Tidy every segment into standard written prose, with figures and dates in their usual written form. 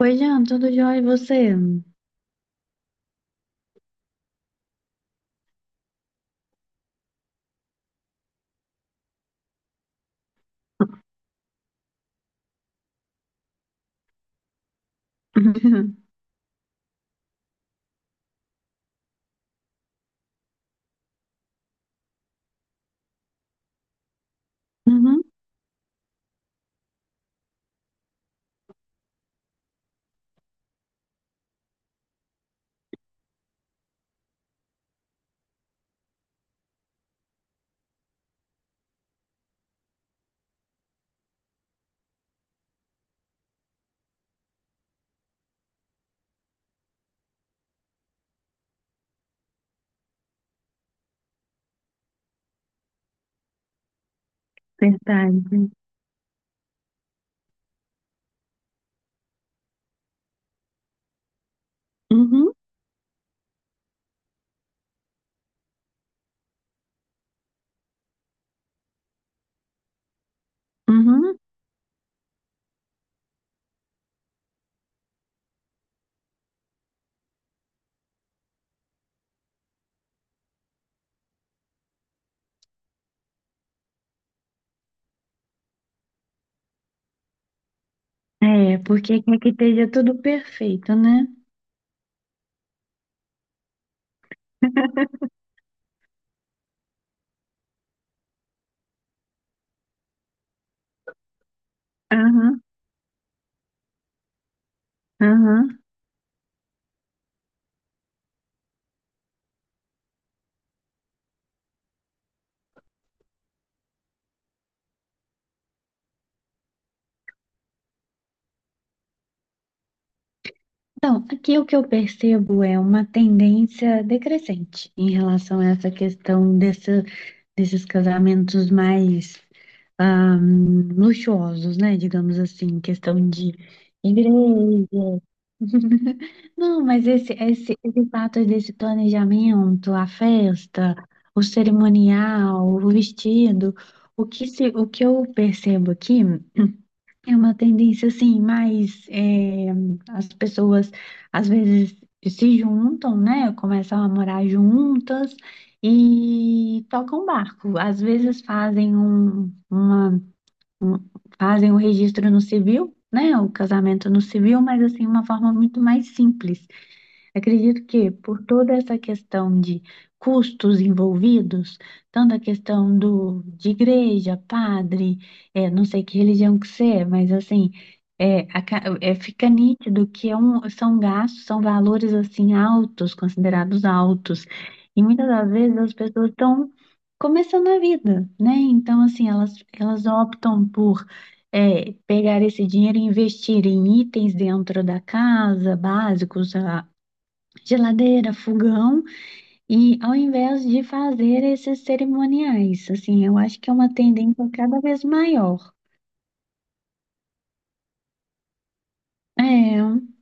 Oi, Jean, tudo jóia e você? Uhum, verdade. Uhum, uhum. É, porque quer que esteja tudo perfeito, né? Aham, aham. Então, aqui o que eu percebo é uma tendência decrescente em relação a essa questão desses casamentos mais ah, luxuosos, né? Digamos assim, questão de igreja. Não, mas esse fato desse planejamento, a festa, o cerimonial, o vestido, o que, se, o que eu percebo aqui é uma tendência assim, mais as pessoas às vezes se juntam, né? Começam a morar juntas e tocam barco. Às vezes fazem o registro no civil, né? O casamento no civil, mas assim, uma forma muito mais simples. Acredito que por toda essa questão de custos envolvidos, tanto a questão de igreja, padre, é, não sei que religião que você é, mas assim, é, fica nítido que é um, são gastos, são valores assim altos, considerados altos. E muitas das vezes as pessoas estão começando a vida, né? Então, assim, elas optam por pegar esse dinheiro e investir em itens dentro da casa, básicos, a geladeira, fogão, e ao invés de fazer esses cerimoniais, assim, eu acho que é uma tendência cada vez maior. É,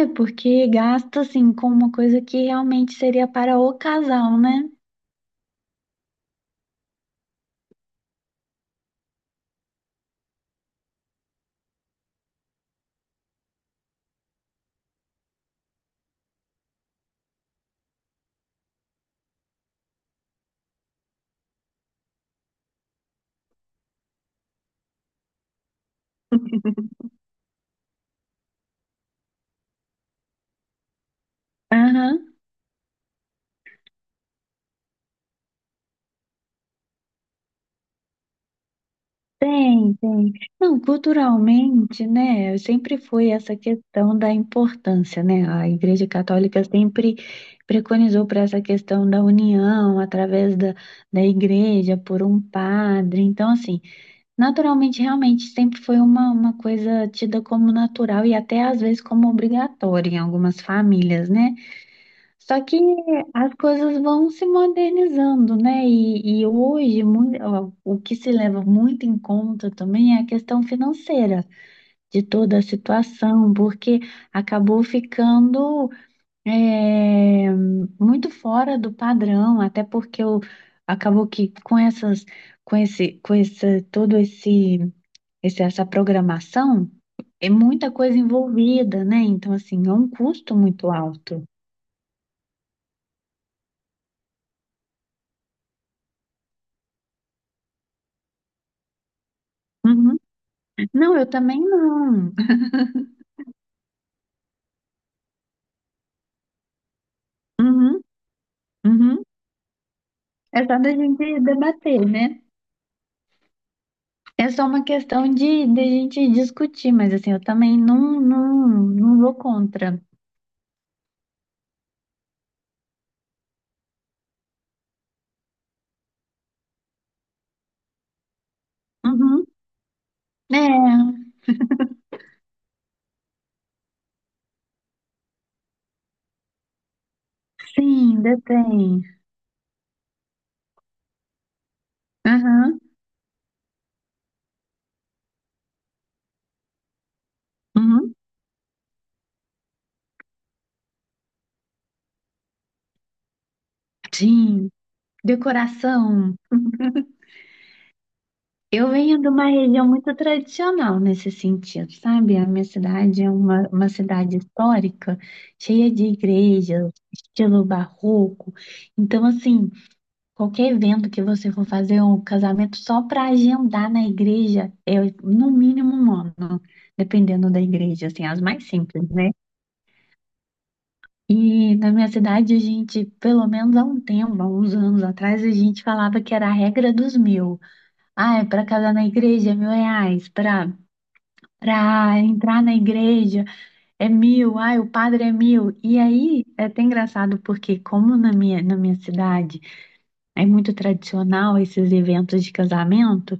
é porque gasta assim com uma coisa que realmente seria para o casal, né? Aham. Tem, tem. Não, culturalmente, né, sempre foi essa questão da importância, né? A Igreja Católica sempre preconizou para essa questão da união através da, da igreja por um padre. Então, assim, naturalmente, realmente, sempre foi uma coisa tida como natural e até às vezes como obrigatória em algumas famílias, né? Só que as coisas vão se modernizando, né? E hoje, mui- ó, o que se leva muito em conta também é a questão financeira de toda a situação, porque acabou ficando, é, muito fora do padrão, até porque o- acabou que com essas, todo esse essa programação, é muita coisa envolvida, né? Então, assim, é um custo muito alto. Uhum. Não, eu também não. Uhum, uhum. É só da gente debater, né? É só uma questão de gente discutir, mas assim, eu também não, não, não vou contra. Uhum. É, sim, detém. Aham, uhum. Sim, decoração. Eu venho de uma região muito tradicional nesse sentido, sabe? A minha cidade é uma cidade histórica, cheia de igrejas, estilo barroco. Então, assim, qualquer evento que você for fazer, um casamento só para agendar na igreja, é no mínimo um ano, dependendo da igreja, assim, as mais simples, né? E na minha cidade, a gente, pelo menos há um tempo, há uns anos atrás, a gente falava que era a regra dos mil. Ah, é para casar na igreja, R$ 1.000. Para entrar na igreja é mil, ai, o padre é mil. E aí é até engraçado porque como na minha cidade é muito tradicional esses eventos de casamento,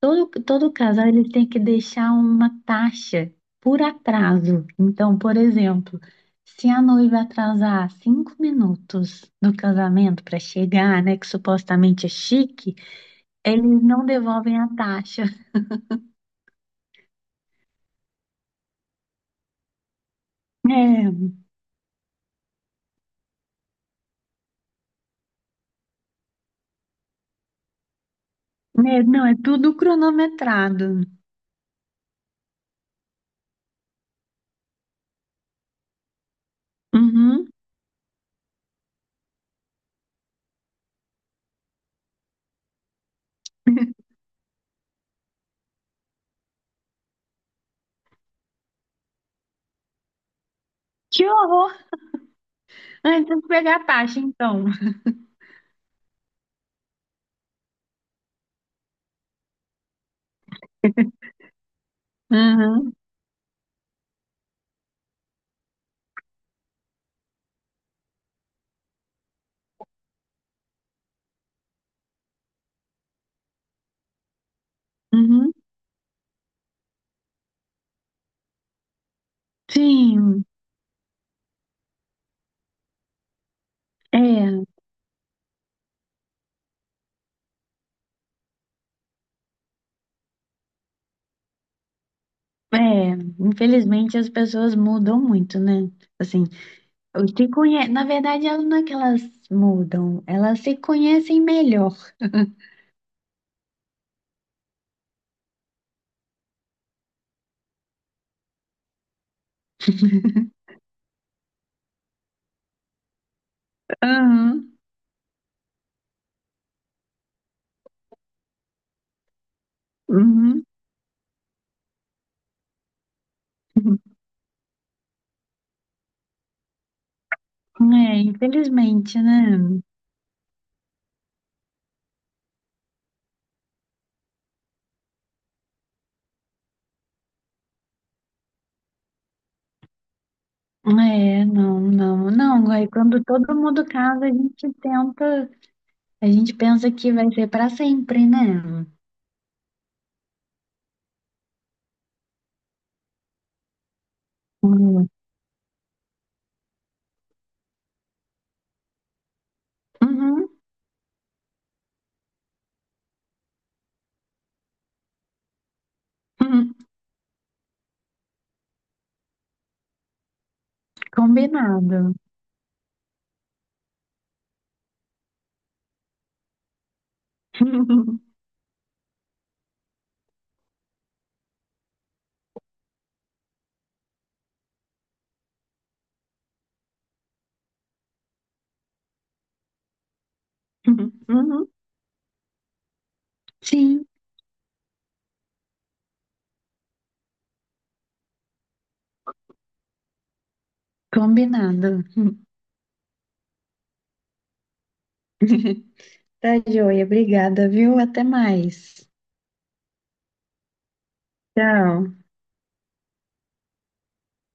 todo casal ele tem que deixar uma taxa por atraso. Então, por exemplo, se a noiva atrasar 5 minutos no casamento para chegar, né, que supostamente é chique, eles não devolvem a taxa. É, né, não, é tudo cronometrado. Uhum. Que horror! Antes de pegar a taxa, então. Uhum. Uhum. Sim, é, é. Infelizmente as pessoas mudam muito, né? Assim, o que conhe... na verdade, elas não é que elas mudam, elas se conhecem melhor. Uhum. Uhum. É, infelizmente, né? É, não, não, não. Aí quando todo mundo casa, a gente tenta, a gente pensa que vai ser para sempre, né? Uhum. Uhum. Combinado. Uhum. Sim, combinado. Tá joia, obrigada, viu? Até mais. Tchau.